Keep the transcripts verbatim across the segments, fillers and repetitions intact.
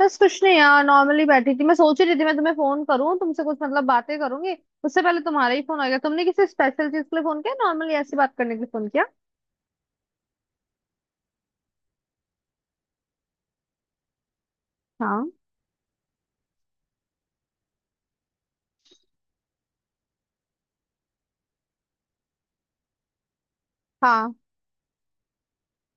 बस कुछ नहीं यार, नॉर्मली बैठी थी। मैं सोच ही रही थी मैं तुम्हें फोन करूं, तुमसे कुछ मतलब बातें करूंगी। उससे पहले तुम्हारा ही फोन आ गया। तुमने किसी स्पेशल चीज के लिए फोन किया, नॉर्मली ऐसी बात करने के लिए फोन किया? हाँ। हाँ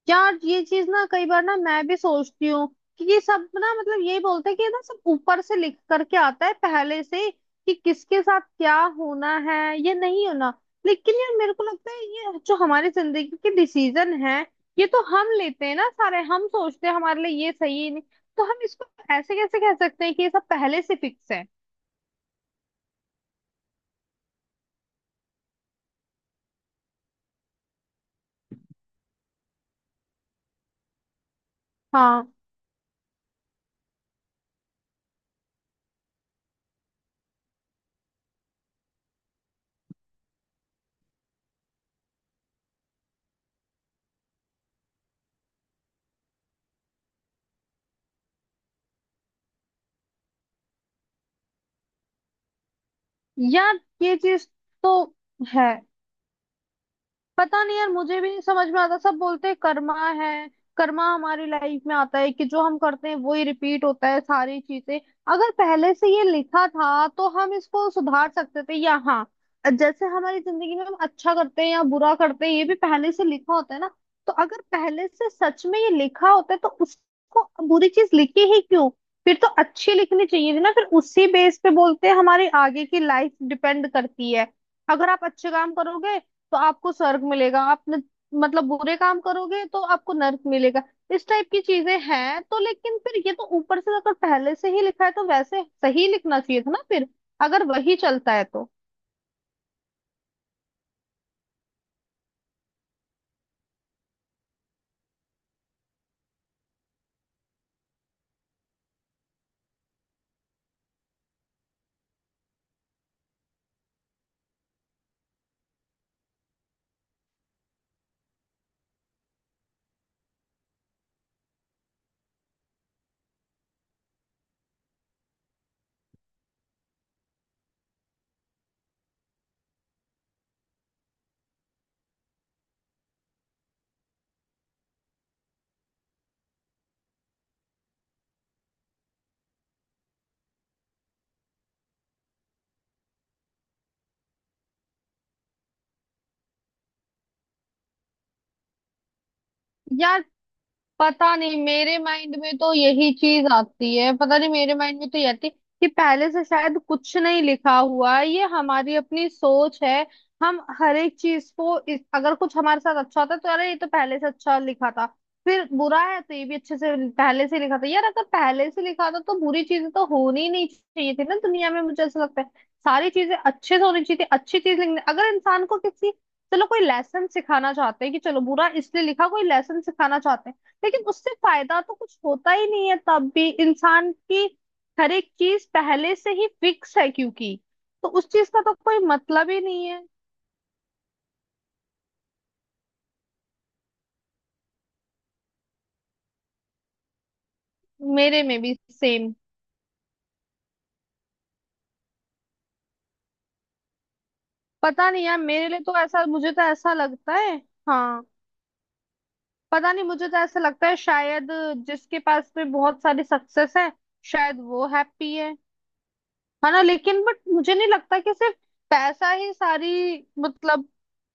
यार, ये चीज ना कई बार ना मैं भी सोचती हूँ कि ये सब ना, मतलब यही बोलते हैं कि ये ना सब ऊपर से लिख करके आता है पहले से ही, कि किसके साथ क्या होना है या नहीं होना। लेकिन यार मेरे को लगता है, ये जो हमारी जिंदगी के डिसीजन है ये तो हम लेते हैं ना सारे, हम सोचते हैं हमारे लिए ये सही है नहीं, तो हम इसको ऐसे कैसे कह सकते हैं कि ये सब पहले से फिक्स है। हाँ यार, ये चीज तो है। पता नहीं यार, मुझे भी नहीं समझ में आता। सब बोलते हैं कर्मा है, कर्मा हमारी लाइफ में आता है, कि जो हम करते हैं वही रिपीट होता है सारी चीजें। अगर पहले से ये लिखा था तो हम इसको सुधार सकते थे या? हाँ, जैसे हमारी जिंदगी में हम अच्छा करते हैं या बुरा करते हैं, ये भी पहले से लिखा होता है ना। तो अगर पहले से सच में ये लिखा होता है तो उसको बुरी चीज लिखी ही क्यों? फिर तो अच्छी लिखनी चाहिए थी ना। फिर उसी बेस पे बोलते हैं हमारी आगे की लाइफ डिपेंड करती है, अगर आप अच्छे काम करोगे तो आपको स्वर्ग मिलेगा। आप न, मतलब बुरे काम करोगे तो आपको नरक मिलेगा। इस टाइप की चीजें हैं। तो लेकिन फिर ये तो ऊपर से अगर पहले से ही लिखा है तो वैसे सही लिखना चाहिए था ना फिर, अगर वही चलता है तो। या पता नहीं, मेरे माइंड में तो यही चीज आती है। पता नहीं, मेरे माइंड में तो ये आती है कि पहले से शायद कुछ नहीं लिखा हुआ है, ये हमारी अपनी सोच है। हम हर एक चीज को इस, अगर कुछ हमारे साथ अच्छा था तो अरे, ये तो पहले से अच्छा लिखा था। फिर बुरा है तो ये भी अच्छे से पहले से लिखा था। यार अगर पहले से लिखा था तो बुरी चीजें तो होनी ही नहीं चाहिए थी ना दुनिया में, मुझे ऐसा लगता है। सारी चीजें अच्छे से होनी चाहिए थी, अच्छी चीज लिखनी। अगर इंसान को किसी, चलो कोई लेसन सिखाना चाहते हैं कि चलो बुरा इसलिए लिखा, कोई लेसन सिखाना चाहते हैं। लेकिन उससे फायदा तो कुछ होता ही नहीं है तब भी इंसान की। हर एक चीज पहले से ही फिक्स है क्योंकि, तो उस चीज का तो कोई मतलब ही नहीं है। मेरे में भी सेम। पता नहीं यार, मेरे लिए तो ऐसा, मुझे तो ऐसा लगता है। हाँ। पता नहीं, मुझे तो ऐसा लगता है शायद जिसके पास में बहुत सारी सक्सेस है शायद वो हैप्पी है है ना। लेकिन बट मुझे नहीं लगता कि सिर्फ पैसा ही सारी मतलब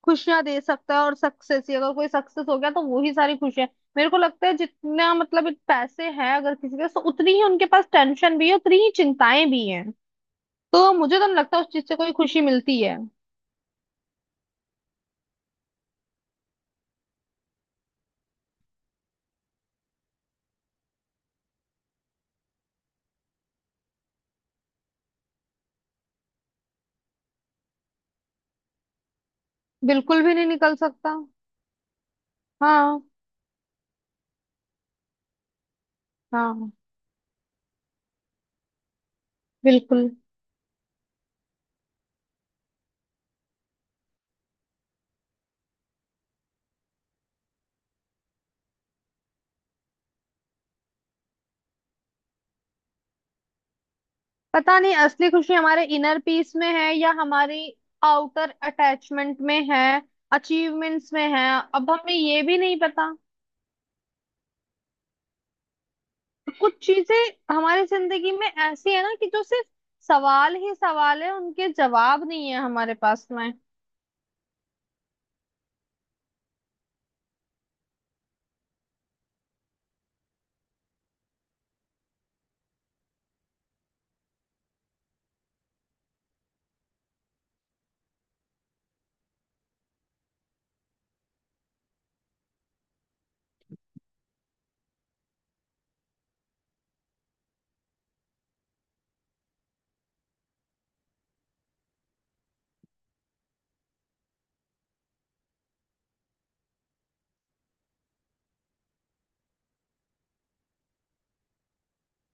खुशियां दे सकता है, और सक्सेस ही, अगर कोई सक्सेस हो गया तो वो ही सारी खुशियां। मेरे को लगता है जितना मतलब इत- पैसे हैं अगर किसी के, तो उतनी ही उनके पास टेंशन भी है, उतनी ही चिंताएं भी हैं। तो मुझे तो नहीं लगता उस चीज से कोई खुशी मिलती है। बिल्कुल भी नहीं निकल सकता। हाँ। हाँ बिल्कुल। पता नहीं, असली खुशी हमारे इनर पीस में है या हमारी आउटर अटैचमेंट में है, अचीवमेंट्स में है, अब हमें ये भी नहीं पता। कुछ चीजें हमारी जिंदगी में ऐसी है ना, कि जो सिर्फ सवाल ही सवाल है, उनके जवाब नहीं है हमारे पास में।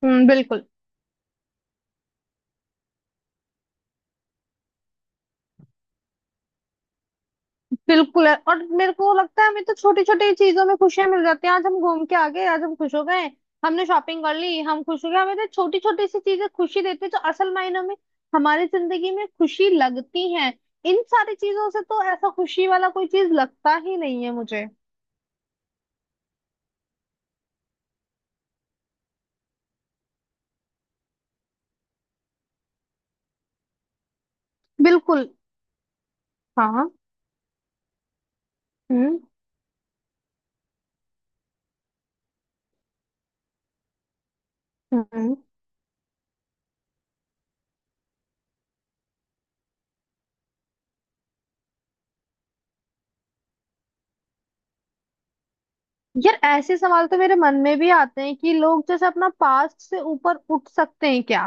हम्म बिल्कुल। बिल्कुल है, और मेरे को लगता है हमें तो छोटी छोटी चीजों में खुशियां मिल जाती हैं। आज हम घूम के आ गए, आज हम खुश हो गए। हमने शॉपिंग कर ली, हम खुश हो गए। हमें तो छोटी छोटी सी चीजें खुशी देती है, जो असल मायनों में हमारी जिंदगी में खुशी लगती है। इन सारी चीजों से तो ऐसा खुशी वाला कोई चीज लगता ही नहीं है मुझे। बिल्कुल। हाँ हाँ। हम्म। हम्म यार, ऐसे सवाल तो मेरे मन में भी आते हैं कि लोग जैसे अपना पास्ट से ऊपर उठ सकते हैं क्या,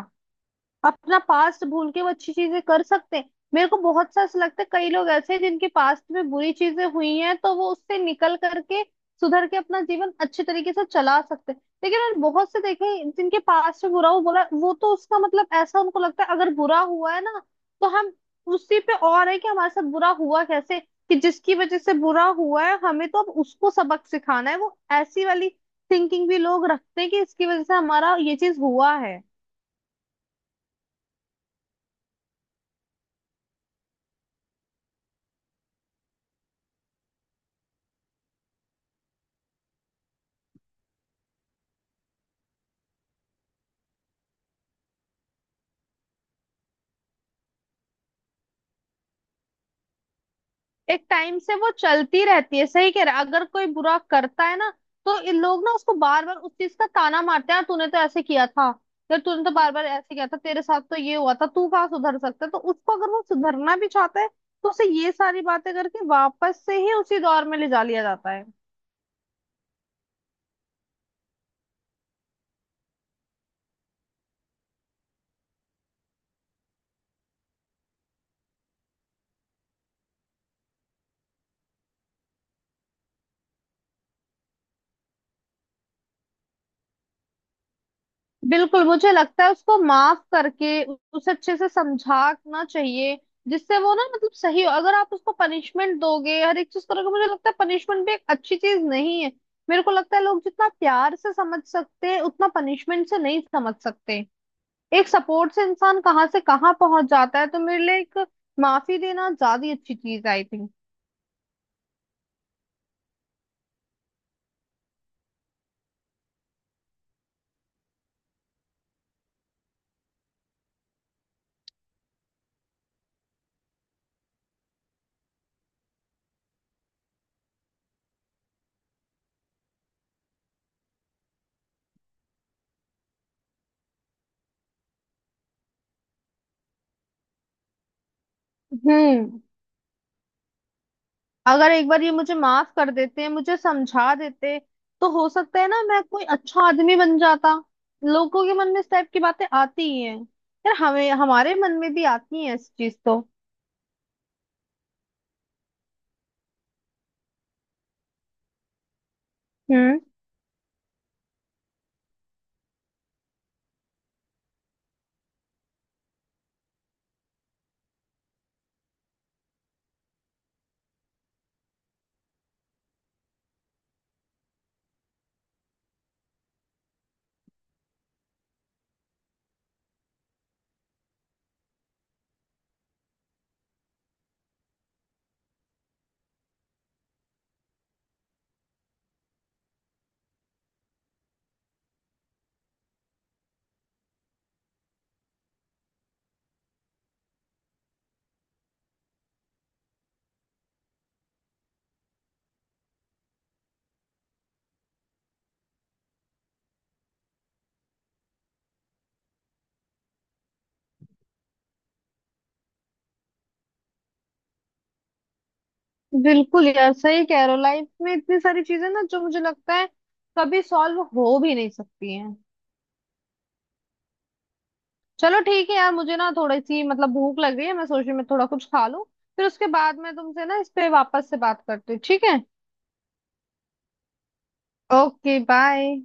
अपना पास्ट भूल के वो अच्छी चीजें कर सकते हैं। मेरे को बहुत सा ऐसा लगता है, कई लोग ऐसे हैं जिनके पास्ट में बुरी चीजें हुई हैं, तो वो उससे निकल करके सुधर के अपना जीवन अच्छे तरीके से चला सकते हैं। लेकिन मैंने बहुत से देखे हैं जिनके पास्ट में बुरा हुआ, बुरा वो तो उसका मतलब ऐसा उनको लगता है अगर बुरा हुआ है ना, तो हम उसी पे और है कि हमारे साथ बुरा हुआ कैसे, कि जिसकी वजह से बुरा हुआ है हमें, तो अब उसको सबक सिखाना है। वो ऐसी वाली थिंकिंग भी लोग रखते हैं कि इसकी वजह से हमारा ये चीज हुआ है। एक टाइम से वो चलती रहती है, सही कह रहा है। अगर कोई बुरा करता है ना, तो इन लोग ना उसको बार बार उस चीज का ताना मारते हैं, "हाँ, तूने तो ऐसे किया था, यार तूने तो बार बार ऐसे किया था, तेरे साथ तो ये हुआ था, तू कहाँ सुधर सकता है।" तो उसको, अगर वो सुधरना भी चाहता है, तो उसे ये सारी बातें करके वापस से ही उसी दौर में ले जा लिया जाता है। बिल्कुल, मुझे लगता है उसको माफ करके उ- उसे अच्छे से समझाना चाहिए, जिससे वो ना मतलब सही हो। अगर आप उसको पनिशमेंट दोगे, हर एक चीज करोगे, मुझे लगता है पनिशमेंट भी एक अच्छी चीज नहीं है। मेरे को लगता है लोग जितना प्यार से समझ सकते हैं उतना पनिशमेंट से नहीं समझ सकते। एक सपोर्ट से इंसान कहाँ से कहाँ पहुंच जाता है। तो मेरे लिए एक माफी देना ज्यादा ही अच्छी चीज, आई थिंक। हम्म। अगर एक बार ये मुझे माफ कर देते, मुझे समझा देते, तो हो सकता है ना मैं कोई अच्छा आदमी बन जाता। लोगों के मन में इस टाइप की बातें आती ही हैं यार, हमें हमारे मन में भी आती हैं इस चीज तो। हम्म बिल्कुल। यार सही कह रहे हो, लाइफ में इतनी सारी चीजें ना जो मुझे लगता है कभी सॉल्व हो भी नहीं सकती हैं। चलो ठीक है यार, मुझे ना थोड़ी सी मतलब भूख लग रही है, मैं सोच रही हूँ मैं थोड़ा कुछ खा लूं। फिर उसके बाद मैं तुमसे ना इस पे वापस से बात करती हूँ, ठीक है? Okay bye.